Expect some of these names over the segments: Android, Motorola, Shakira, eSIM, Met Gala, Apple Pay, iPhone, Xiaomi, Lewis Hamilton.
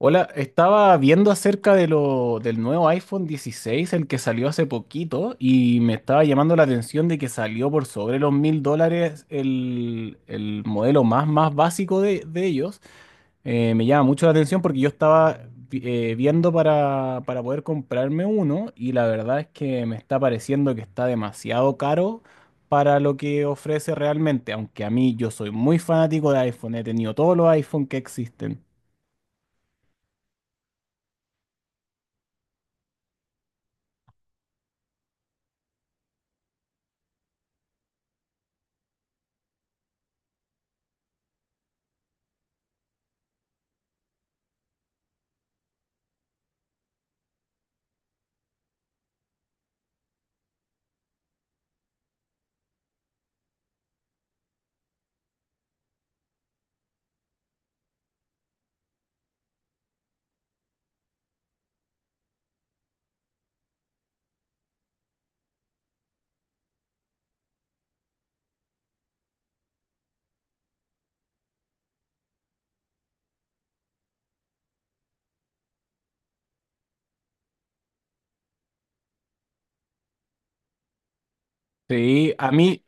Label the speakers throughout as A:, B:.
A: Hola, estaba viendo acerca de del nuevo iPhone 16, el que salió hace poquito, y me estaba llamando la atención de que salió por sobre los $1000 el modelo más básico de ellos. Me llama mucho la atención porque yo estaba viendo para poder comprarme uno, y la verdad es que me está pareciendo que está demasiado caro para lo que ofrece realmente, aunque a mí yo soy muy fanático de iPhone, he tenido todos los iPhone que existen. Sí, a mí,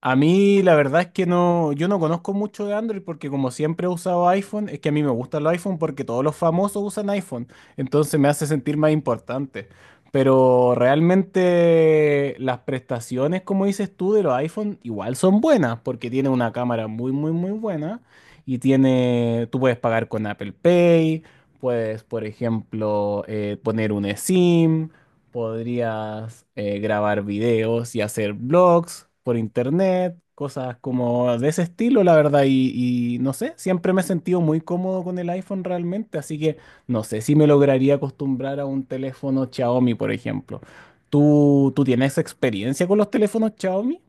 A: A mí la verdad es que no, yo no conozco mucho de Android porque como siempre he usado iPhone, es que a mí me gusta el iPhone porque todos los famosos usan iPhone, entonces me hace sentir más importante. Pero realmente las prestaciones, como dices tú, de los iPhone igual son buenas porque tiene una cámara muy, muy, muy buena y tiene, tú puedes pagar con Apple Pay, puedes, por ejemplo, poner un eSIM. Podrías grabar videos y hacer blogs por internet, cosas como de ese estilo, la verdad. Y no sé, siempre me he sentido muy cómodo con el iPhone realmente, así que no sé si me lograría acostumbrar a un teléfono Xiaomi, por ejemplo. ¿Tú tienes experiencia con los teléfonos Xiaomi?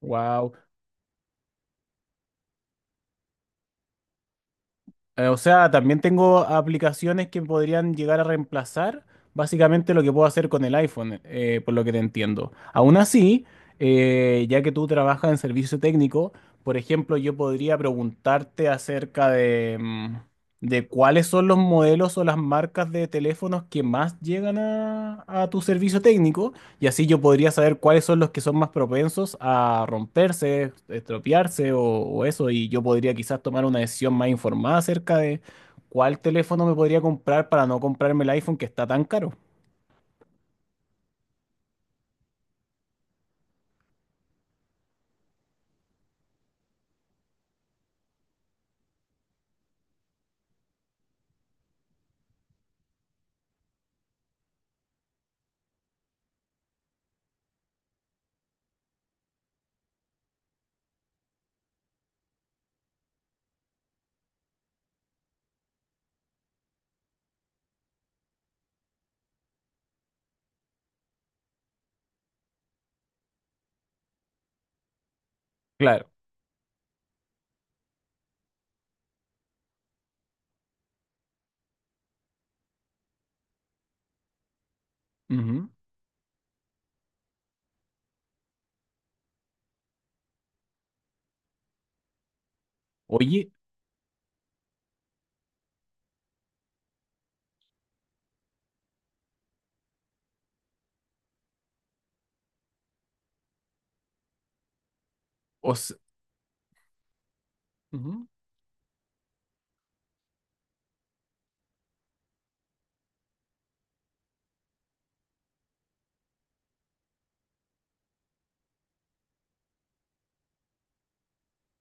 A: Wow. O sea, también tengo aplicaciones que podrían llegar a reemplazar básicamente lo que puedo hacer con el iPhone, por lo que te entiendo. Aún así, ya que tú trabajas en servicio técnico, por ejemplo, yo podría preguntarte acerca de de cuáles son los modelos o las marcas de teléfonos que más llegan a tu servicio técnico y así yo podría saber cuáles son los que son más propensos a romperse, estropearse o eso. Y yo podría quizás tomar una decisión más informada acerca de cuál teléfono me podría comprar para no comprarme el iPhone que está tan caro. Claro. Ujú. Oye, o s- ujú.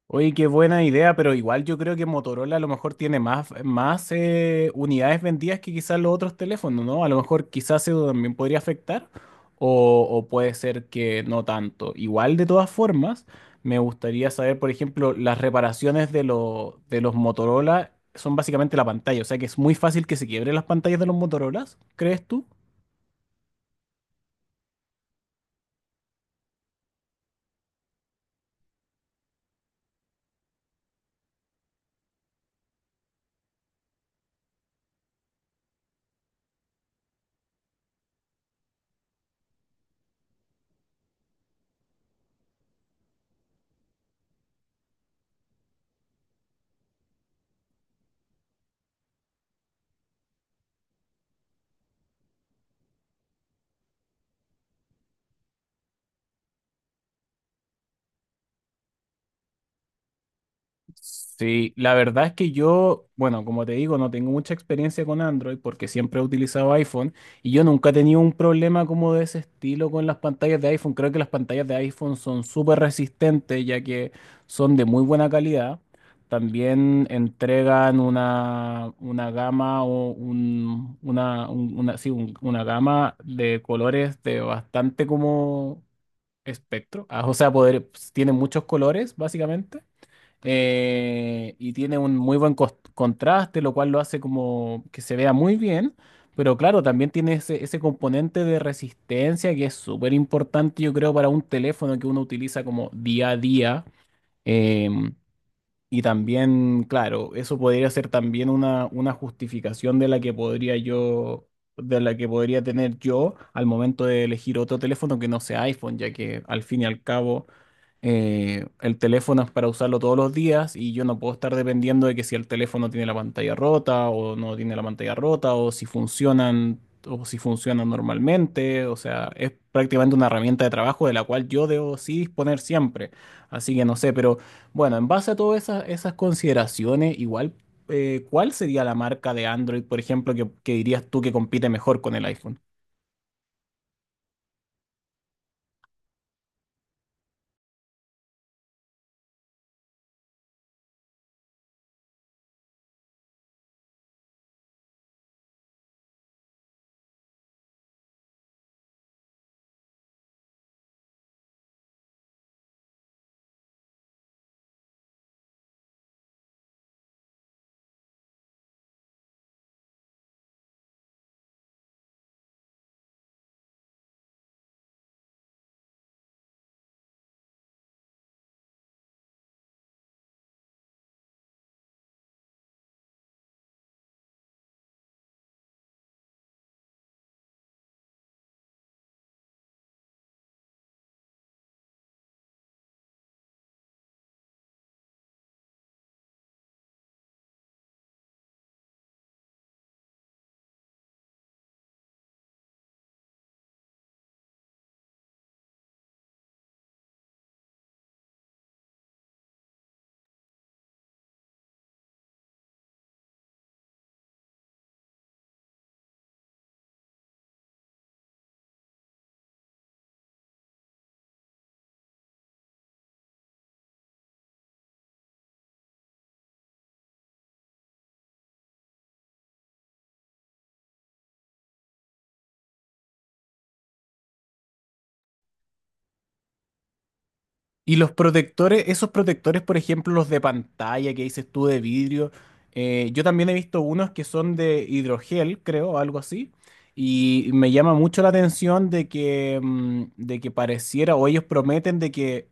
A: Oye, qué buena idea, pero igual yo creo que Motorola a lo mejor tiene más unidades vendidas que quizás los otros teléfonos, ¿no? A lo mejor quizás eso también podría afectar o puede ser que no tanto. Igual de todas formas, me gustaría saber, por ejemplo, las reparaciones de los Motorola son básicamente la pantalla, o sea que es muy fácil que se quiebren las pantallas de los Motorolas, ¿crees tú? Sí, la verdad es que yo, bueno, como te digo, no tengo mucha experiencia con Android porque siempre he utilizado iPhone y yo nunca he tenido un problema como de ese estilo con las pantallas de iPhone. Creo que las pantallas de iPhone son súper resistentes ya que son de muy buena calidad. También entregan una gama o una gama de colores de bastante como espectro. Ah, o sea, poder, tienen muchos colores, básicamente y tiene un muy buen contraste, lo cual lo hace como que se vea muy bien, pero claro, también tiene ese componente de resistencia que es súper importante, yo creo, para un teléfono que uno utiliza como día a día. em, y también, claro, eso podría ser también una justificación de la que podría yo, de la que podría tener yo al momento de elegir otro teléfono que no sea iPhone, ya que al fin y al cabo el teléfono es para usarlo todos los días y yo no puedo estar dependiendo de que si el teléfono tiene la pantalla rota o no tiene la pantalla rota o si funcionan normalmente. O sea, es prácticamente una herramienta de trabajo de la cual yo debo sí disponer siempre. Así que no sé, pero bueno, en base a todas esas consideraciones, igual, ¿cuál sería la marca de Android, por ejemplo, que dirías tú que compite mejor con el iPhone? Y los protectores, esos protectores, por ejemplo, los de pantalla que dices tú de vidrio, yo también he visto unos que son de hidrogel, creo, algo así. Y me llama mucho la atención de que de que pareciera, o ellos prometen de que,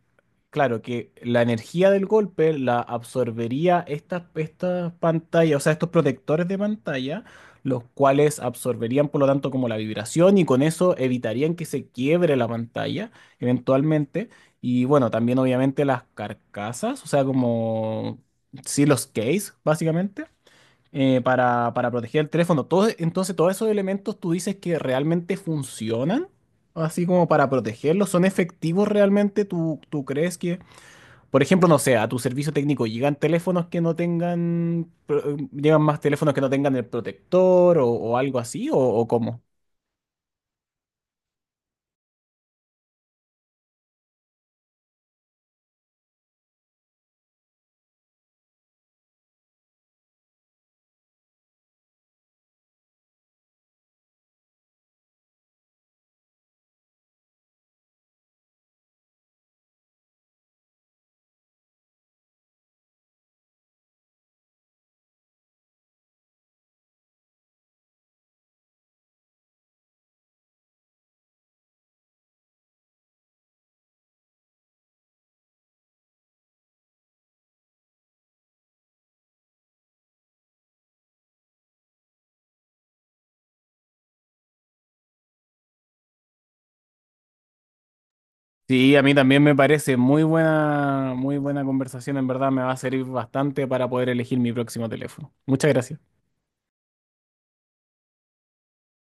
A: claro, que la energía del golpe la absorbería estas pantallas, o sea, estos protectores de pantalla, los cuales absorberían, por lo tanto, como la vibración y con eso evitarían que se quiebre la pantalla eventualmente. Y bueno, también obviamente las carcasas, o sea, como sí, los case, básicamente, para proteger el teléfono. Todo, entonces, todos esos elementos tú dices que realmente funcionan, así como para protegerlos, ¿son efectivos realmente? ¿Tú crees que, por ejemplo, no sé, a tu servicio técnico llegan teléfonos que no tengan, llegan más teléfonos que no tengan el protector o algo así, o cómo? Sí, a mí también me parece muy buena conversación. En verdad me va a servir bastante para poder elegir mi próximo teléfono. Muchas gracias.